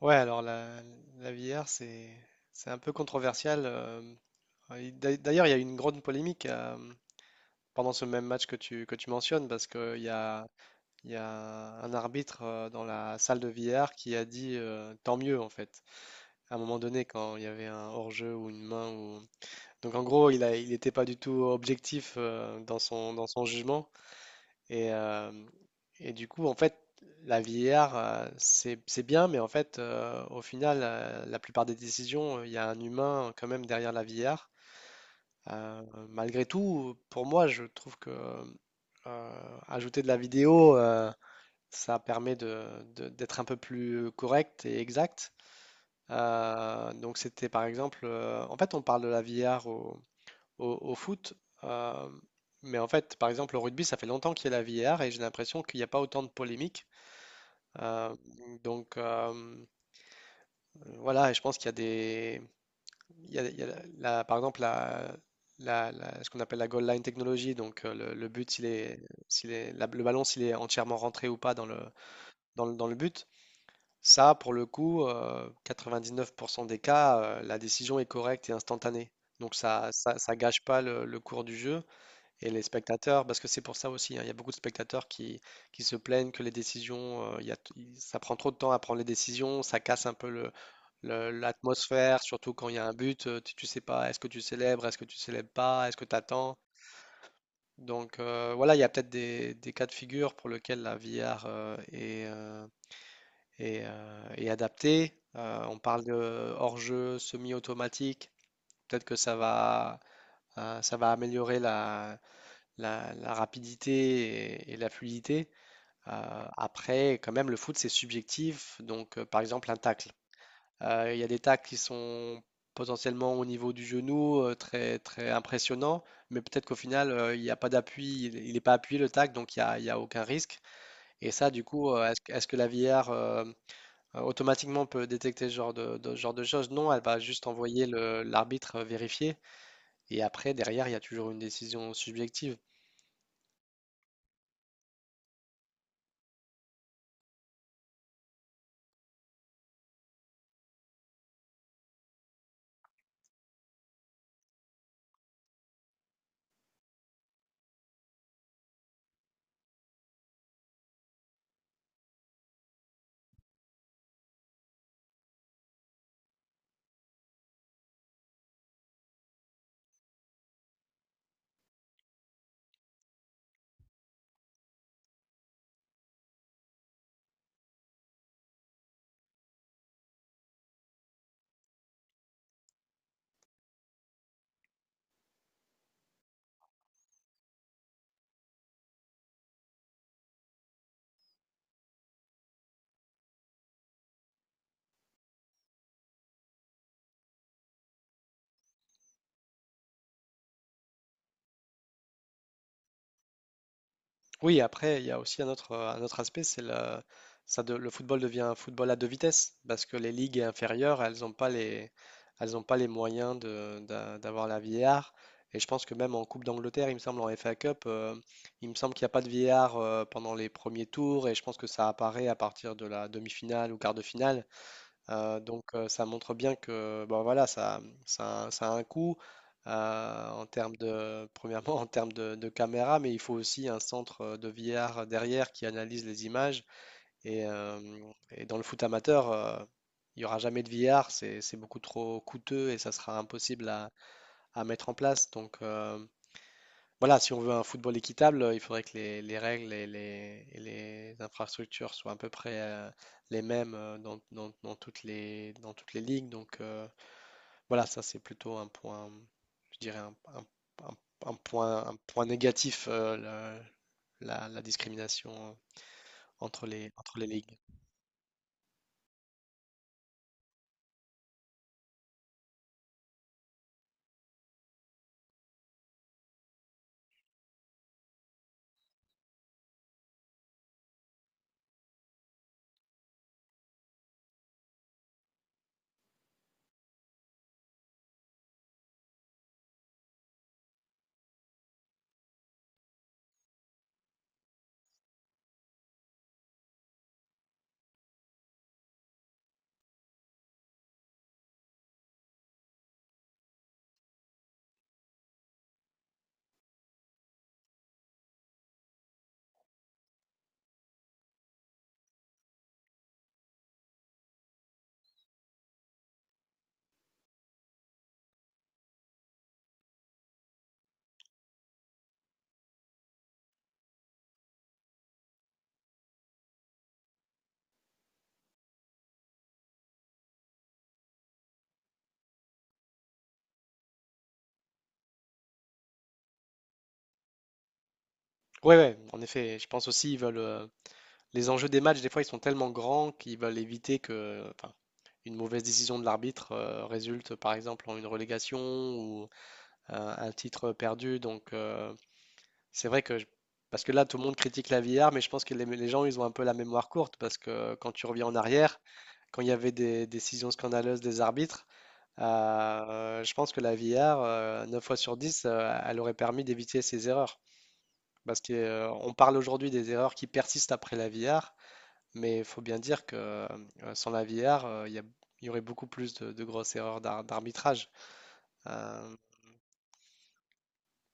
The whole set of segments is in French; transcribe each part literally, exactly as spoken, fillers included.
Ouais, alors la, la V R, c'est c'est un peu controversial. Euh, et d'a- d'ailleurs, il y a eu une grande polémique euh, pendant ce même match que tu, que tu mentionnes, parce qu'il y a, il y a un arbitre euh, dans la salle de V R qui a dit euh, tant mieux, en fait, à un moment donné, quand il y avait un hors-jeu ou une main. Ou... Donc, en gros, il a, il n'était pas du tout objectif euh, dans son, dans son jugement. Et, euh, et du coup, en fait, la var, euh, c'est, c'est bien, mais en fait, euh, au final, euh, la plupart des décisions, euh, il y a un humain euh, quand même derrière la var. Euh, Malgré tout, pour moi, je trouve que euh, ajouter de la vidéo, euh, ça permet de, de- d'être un peu plus correct et exact. Euh, donc c'était par exemple, euh, en fait, on parle de la var au, au foot. euh, mais en fait, par exemple, au rugby, ça fait longtemps qu'il y a la var et j'ai l'impression qu'il n'y a pas autant de polémiques. Euh, donc euh, voilà, et je pense qu'il y a des, il y a- il y a la- la- par exemple, la, la- la- ce qu'on appelle la goal line technology. Donc euh, le, le but, s'il est, s'il est, la- le ballon, s'il est entièrement rentré ou pas dans le, dans le, dans le but. Ça, pour le coup, euh, quatre-vingt-dix-neuf pour cent des cas, euh, la décision est correcte et instantanée. Donc ça, ça, ça gâche pas le, le cours du jeu. Et les spectateurs, parce que c'est pour ça aussi, hein, il y a beaucoup de spectateurs qui, qui se plaignent que les décisions, euh, il y a- il- ça prend trop de temps à prendre les décisions, ça casse un peu le, le- l'atmosphère, surtout quand il y a un but, euh, tu, tu sais pas, est-ce que tu célèbres, est-ce que tu célèbres pas, est-ce que tu attends? Donc euh, voilà, il y a peut-être des, des cas de figure pour lesquels la V R euh, est, euh, est, euh, est adaptée. Euh, on parle de hors-jeu semi-automatique, peut-être que ça va, euh, ça va améliorer la, la, la rapidité et, et la fluidité. Euh, après, quand même, le foot, c'est subjectif. Donc, euh, par exemple, un tacle. Euh, Il y a des tacles qui sont potentiellement au niveau du genou, euh, très, très impressionnants, mais peut-être qu'au final, euh, il n'y a pas d'appui, il n'est pas appuyé le tacle, donc il n'y a, il y a aucun risque. Et ça, du coup, euh, est-ce, que- est-ce que la var euh, euh, automatiquement peut détecter ce genre de, de- ce genre de choses? Non, elle va juste envoyer le- l'arbitre euh, vérifier, et après, derrière, il y a toujours une décision subjective. Oui, après, il y a aussi un autre, euh, un autre aspect, c'est le, ça de- le football devient un football à deux vitesses, parce que les ligues inférieures, elles n'ont pas les, elles n'ont pas les moyens de, d'a- d'avoir la var. Et je pense que même en Coupe d'Angleterre, il me semble, en F A Cup, euh, il me semble qu'il n'y a pas de var euh, pendant les premiers tours, et je pense que ça apparaît à partir de la demi-finale ou quart de finale. Euh, donc euh, ça montre bien que bon, voilà, ça, ça, ça a un coût euh, en termes de, premièrement en termes de, de caméra, mais il faut aussi un centre euh, de V R derrière qui analyse les images. Et, euh, et dans le foot amateur, euh, il n'y aura jamais de V R, c'est, c'est beaucoup trop coûteux et ça sera impossible à, à mettre en place. Donc euh, voilà, si on veut un football équitable, euh, il faudrait que les, les règles et les, et les infrastructures soient à peu près euh, les mêmes euh, dans, dans- dans toutes les, dans toutes les ligues. Donc euh, voilà, ça c'est plutôt un point, je dirais un, un- un- un point, un point négatif, euh, le- la, la discrimination entre les, entre les ligues. Oui, ouais, ouais, en effet, je pense aussi ils veulent euh, les enjeux des matchs, des fois ils sont tellement grands qu'ils veulent éviter que, enfin, une mauvaise décision de l'arbitre euh, résulte par exemple en une relégation ou euh, un titre perdu. Donc, euh, c'est vrai que, je- parce que là, tout le monde critique la V R, mais je pense que les, les gens, ils ont un peu la mémoire courte, parce que quand tu reviens en arrière, quand il y avait des décisions scandaleuses des arbitres, euh, je pense que la V R, euh, neuf fois sur dix euh, elle aurait permis d'éviter ces erreurs. Parce que, euh, on parle aujourd'hui des erreurs qui persistent après la V R, mais il faut bien dire que euh, sans la V R, euh, il y a- il y aurait beaucoup plus de, de grosses erreurs d'ar- d'arbitrage. Euh,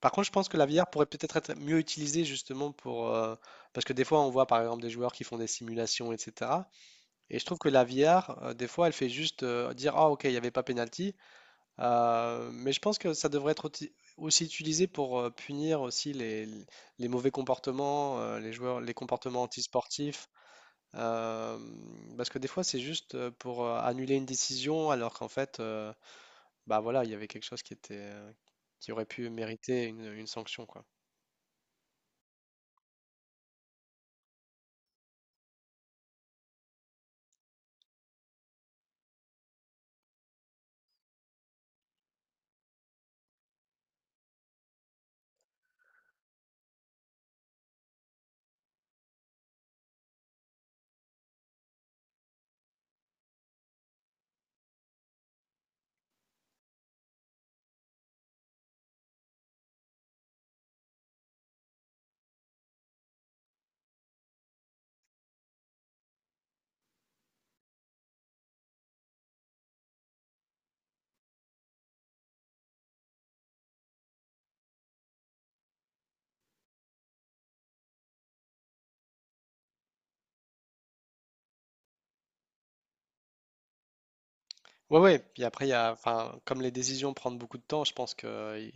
Par contre, je pense que la V R pourrait peut-être être mieux utilisée justement pour... euh, parce que des fois, on voit par exemple des joueurs qui font des simulations, et cetera. Et je trouve que la V R, euh, des fois, elle fait juste euh, dire, ah ok, il n'y avait pas penalty. Euh, mais je pense que ça devrait être outi- aussi utilisé pour euh, punir aussi les, les mauvais comportements, euh, les joueurs, les comportements antisportifs. euh, Parce que des fois, c'est juste euh, pour euh, annuler une décision, alors qu'en fait, euh, bah voilà, il y avait quelque chose qui était, euh, qui aurait pu mériter une, une sanction, quoi. Ouais, ouais. Puis après, il y a, enfin, comme les décisions prennent beaucoup de temps, je pense que euh,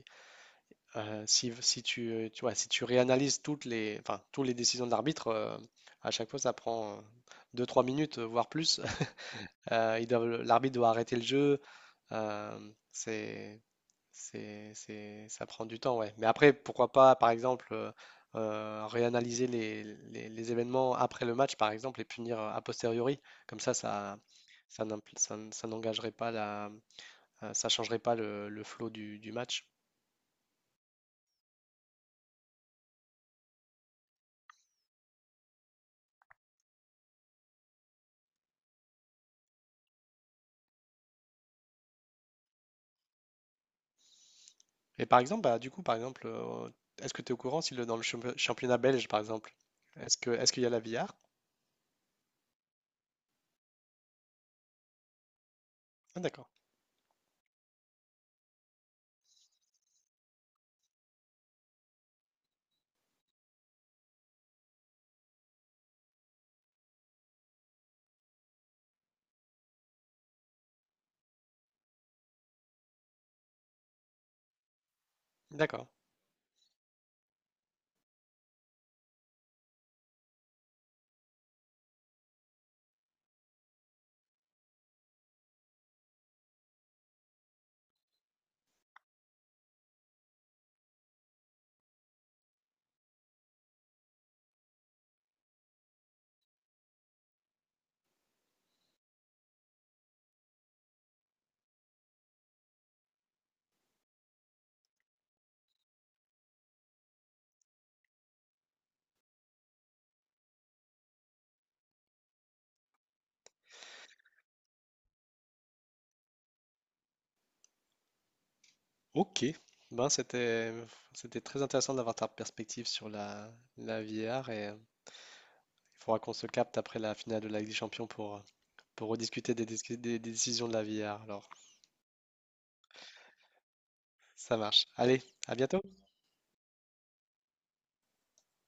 euh, si, si tu, euh, tu vois, si tu réanalyses toutes les, enfin, toutes les décisions de l'arbitre, euh, à chaque fois, ça prend euh, deux trois minutes, euh, voire plus. Euh, ils doivent- l'arbitre doit arrêter le jeu. euh, c'est, c'est, c'est- Ça prend du temps, ouais. Mais après, pourquoi pas, par exemple, euh, euh, réanalyser les, les- les événements après le match, par exemple, et punir euh, a posteriori. Comme ça, ça, ça n'imp- ça n- ça n'engagerait pas la euh, ça changerait pas le, le flow du, du match. Et par exemple, bah, du coup, par exemple, euh, est-ce que tu es au courant si le, dans le champi- championnat belge, par exemple, est-ce que est-ce qu'il y a la V R? Ah, d'accord, d'accord. Ok. Ben, c'était c'était très intéressant d'avoir ta perspective sur la, la V R et euh, il faudra qu'on se capte après la finale de la Ligue des Champions pour, euh, pour rediscuter des, discu- des des décisions de la V R. Alors, ça marche. Allez, à bientôt.